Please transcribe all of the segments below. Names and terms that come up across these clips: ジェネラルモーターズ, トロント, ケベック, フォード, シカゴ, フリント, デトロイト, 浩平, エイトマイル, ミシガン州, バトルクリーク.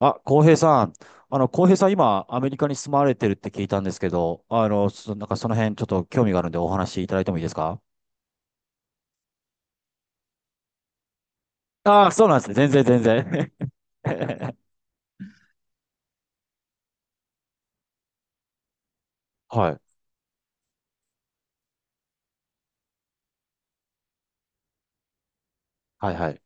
あ、浩平さん。浩平さん、今、アメリカに住まれてるって聞いたんですけど、なんかその辺、ちょっと興味があるんでお話いただいてもいいですか？ああ、そうなんですね。全然、全然。はい。はい、はい。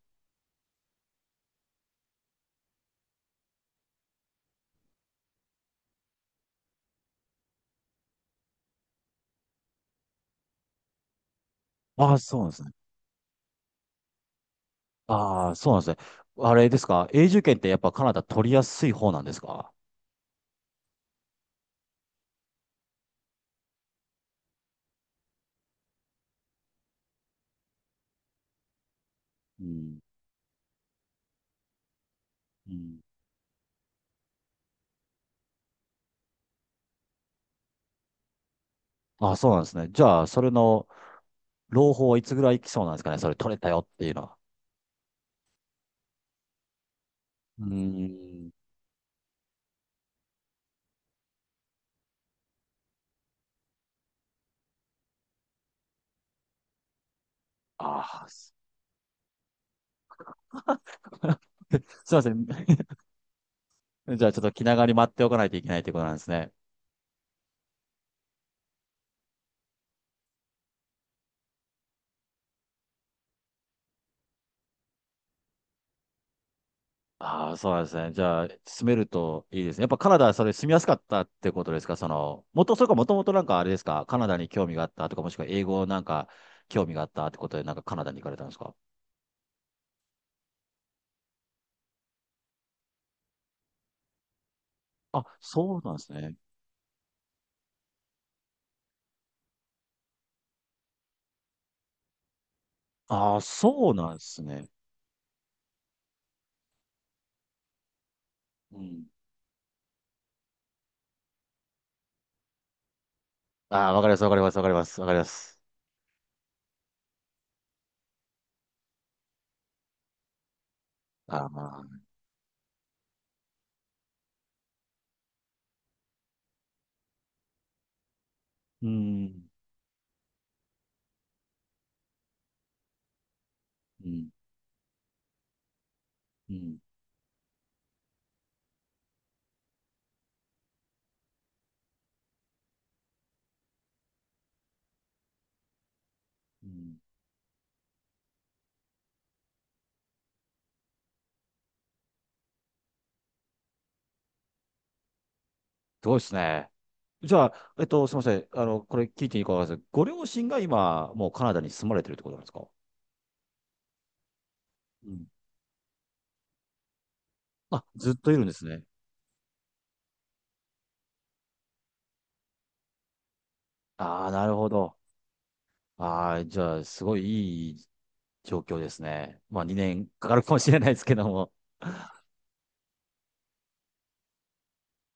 ああ、そうなんですね。ああ、そうなんですね。あれですか？永住権ってやっぱカナダ取りやすい方なんですか？うん。うん。ああ、そうなんですね。じゃあ、それの、朗報はいつぐらい来そうなんですかね？それ取れたよっていうのは。うーん。ああ、すいません。じゃあちょっと気長に待っておかないといけないということなんですね。ああ、そうなんですね。じゃあ、住めるといいですね。やっぱカナダはそれ住みやすかったってことですか？それかもともとなんかあれですか？カナダに興味があったとか、もしくは英語なんか興味があったってことで、なんかカナダに行かれたんですか？あ、そうなんですね。ああ、そうなんですね。うん。ああ、わかります、わかります、わかります、わかります。ああ、まあ。うん、うん、うん、うん。すごいですね。じゃあ、すみません。これ聞いていいかわかりません。ご両親が今、もうカナダに住まれてるってことなんですか？うん。あ、ずっといるんですね。ああ、なるほど。ああ、じゃあ、すごいいい状況ですね。まあ、2年かかるかもしれないですけども。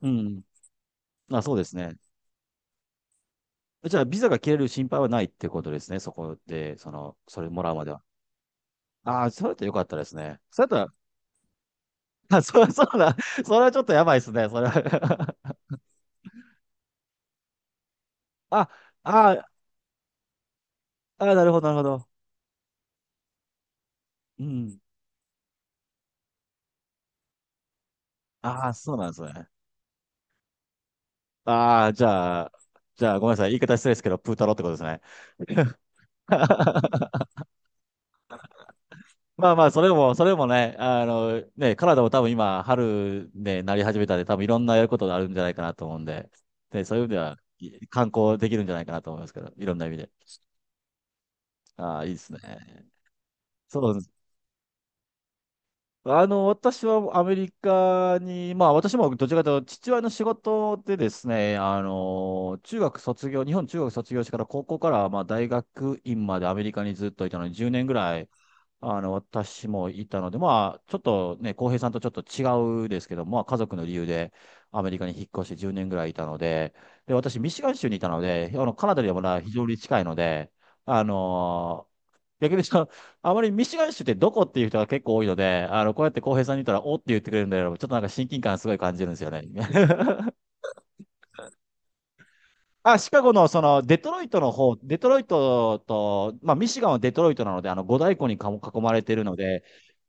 うん。あ、そうですね。じゃあ、ビザが切れる心配はないってことですね。そこで、それもらうまでは。ああ、それだったらよかったですね。それだったら、あ、そうだ。それはちょっとやばいですね。それは あ、あーあー、なるほど、なるほど。うん。ああ、そうなんですね。ああ、じゃあ、ごめんなさい。言い方失礼ですけど、プータローってことですね。まあまあ、それもね、ね、カナダも多分今、春で、なり始めたんで、多分いろんなやることがあるんじゃないかなと思うんで、で、そういう意味では、観光できるんじゃないかなと思いますけど、いろんな意味で。ああ、いいですね。そう、私はアメリカに、まあ私もどちらかというと父親の仕事でですね、あの、中学卒業、日本中学卒業してから高校からまあ大学院までアメリカにずっといたのに10年ぐらい私もいたので、まあ、ちょっとね、浩平さんとちょっと違うですけど、まあ、家族の理由でアメリカに引っ越して10年ぐらいいたので、で、私、ミシガン州にいたので、カナダでもな、非常に近いので、あのー逆にあまりミシガン州ってどこっていう人が結構多いので、こうやって浩平さんに言ったら、おって言ってくれるんだけど、ちょっとなんか親近感すごい感じるんですよね。あ、シカゴの、デトロイトの方、デトロイトと、まあ、ミシガンはデトロイトなので、五大湖にかも囲まれているので、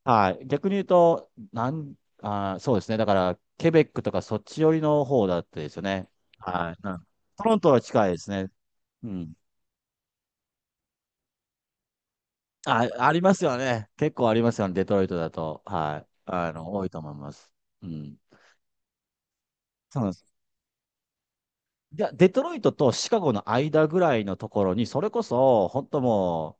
はい、逆に言うと、あー、そうですね。だから、ケベックとかそっち寄りの方だったですよね。はい。うん。トロントは近いですね。うん。あ、ありますよね。結構ありますよね。デトロイトだと。はい。多いと思います。うん。そうなんです。で、デトロイトとシカゴの間ぐらいのところに、それこそ、本当も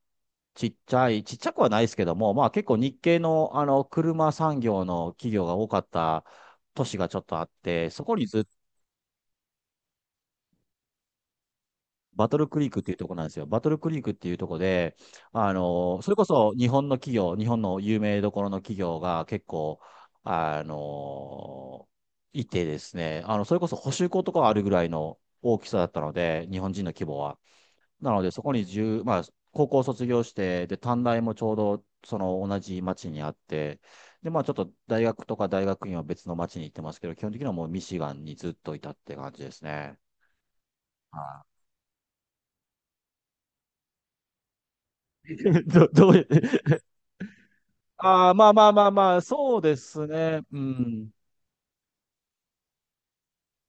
ちっちゃくはないですけども、まあ結構日系の車産業の企業が多かった都市がちょっとあって、そこにずっとバトルクリークっていうとこなんですよ。バトルクリークっていうとこで、それこそ日本の企業、日本の有名どころの企業が結構、あの、いてですね、それこそ補修校とかあるぐらいの大きさだったので、日本人の規模は。なので、そこにまあ、高校卒業して、で、短大もちょうど、その同じ町にあって、で、まあ、ちょっと大学とか大学院は別の町に行ってますけど、基本的にはもうミシガンにずっといたって感じですね。あ どう、ああ、まあまあまあまあ、そうですね。うん。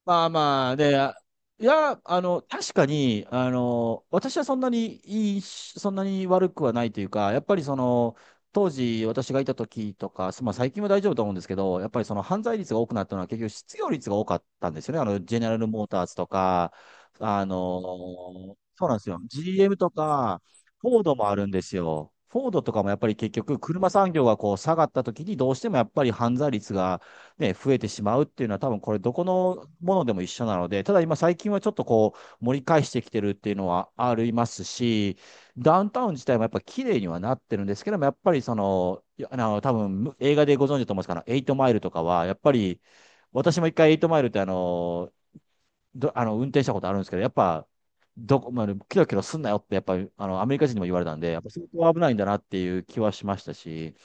まあまあ、で、あいや、確かに、私はそんなにいいし、そんなに悪くはないというか、やっぱり当時私がいた時とか、まあ最近は大丈夫と思うんですけど、やっぱりその犯罪率が多くなったのは結局失業率が多かったんですよね。ジェネラルモーターズとか、あの、そうなんですよ。GM とか、フォードもあるんですよ。フォードとかもやっぱり結局車産業がこう下がった時にどうしてもやっぱり犯罪率がね、増えてしまうっていうのは、多分これ、どこのものでも一緒なので、ただ今、最近はちょっとこう、盛り返してきてるっていうのはありますし、ダウンタウン自体もやっぱ綺麗にはなってるんですけども、やっぱりいや多分映画でご存知だと思うんですから、エイトマイルとかは、やっぱり、私も一回エイトマイルってあの、ど、あの、運転したことあるんですけど、やっぱ、どこまで、キロキロすんなよって、やっぱり、アメリカ人にも言われたんで、やっぱ相当危ないんだなっていう気はしましたし、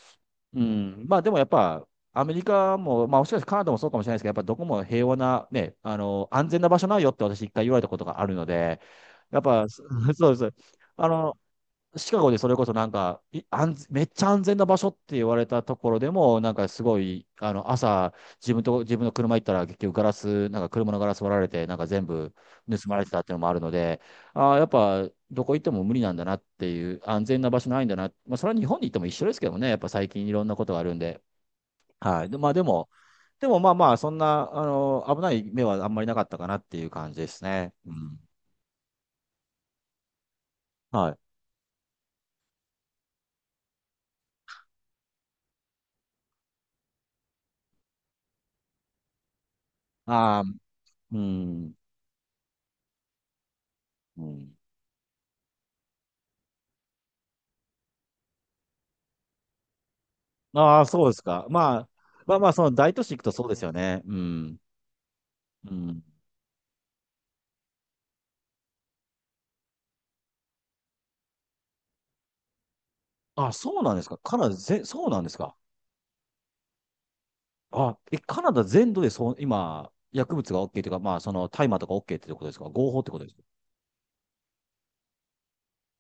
うん、まあでもやっぱ、アメリカも、まあもしかしてカナダもそうかもしれないですけど、やっぱどこも平和な、ね、安全な場所ないよって私一回言われたことがあるので、やっぱ、そうです。あの、シカゴでそれこそなんか、い安全めっちゃ安全な場所って言われたところでも、なんかすごい、朝、自分の車行ったら結局ガラス、なんか車のガラス割られて、なんか全部盗まれてたっていうのもあるので、ああ、やっぱ、どこ行っても無理なんだなっていう、安全な場所ないんだな。まあ、それは日本に行っても一緒ですけどね、やっぱ最近いろんなことがあるんで。はい。で、でもまあまあ、そんな、危ない目はあんまりなかったかなっていう感じですね。うん。はい。ああ、うん。うん。ああ、そうですか。まあ、まあまあ、その大都市行くとそうですよね。うん。うん。あ、そうなんですか。カナダそうなんですか。あ、カナダ全土でそう、今、薬物が OK というか、まあ、その大麻とか OK ってことですか？合法ってことですか？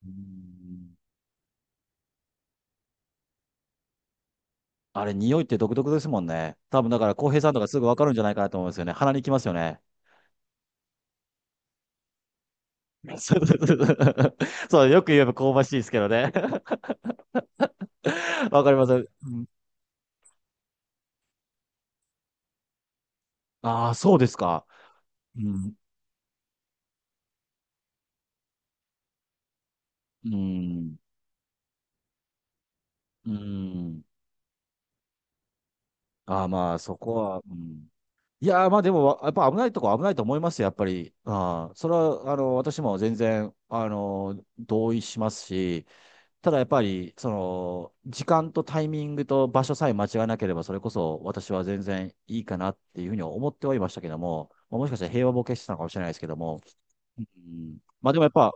うーんあれ、匂いって独特ですもんね。多分だから、浩平さんとかすぐわかるんじゃないかなと思うんですよね。鼻にきますよね。そうそうそうそうそうよく言えば香ばしいですけどね。わかります。うん。ああ、そうですか。うん。うん。うん。ああ、まあ、そこは、うん。いやー、まあでも、やっぱ危ないとこ危ないと思いますよ、やっぱり。ああ、それは、私も全然、同意しますし、ただやっぱり、時間とタイミングと場所さえ間違えなければ、それこそ私は全然いいかなっていうふうに思ってはいましたけども、まあもしかしたら平和ボケしてたのかもしれないですけども、うん、まあでもやっぱ、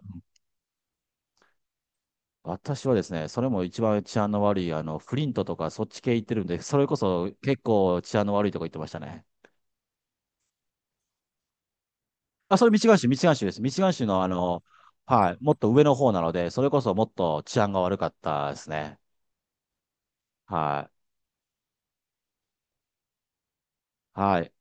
私はですね、それも一番治安の悪い、フリントとかそっち系行ってるんで、それこそ結構治安の悪いとこ行ってましたね。あ、それミシガン州です。ミシガン州のはい、もっと上の方なので、それこそもっと治安が悪かったですね。はい。はい。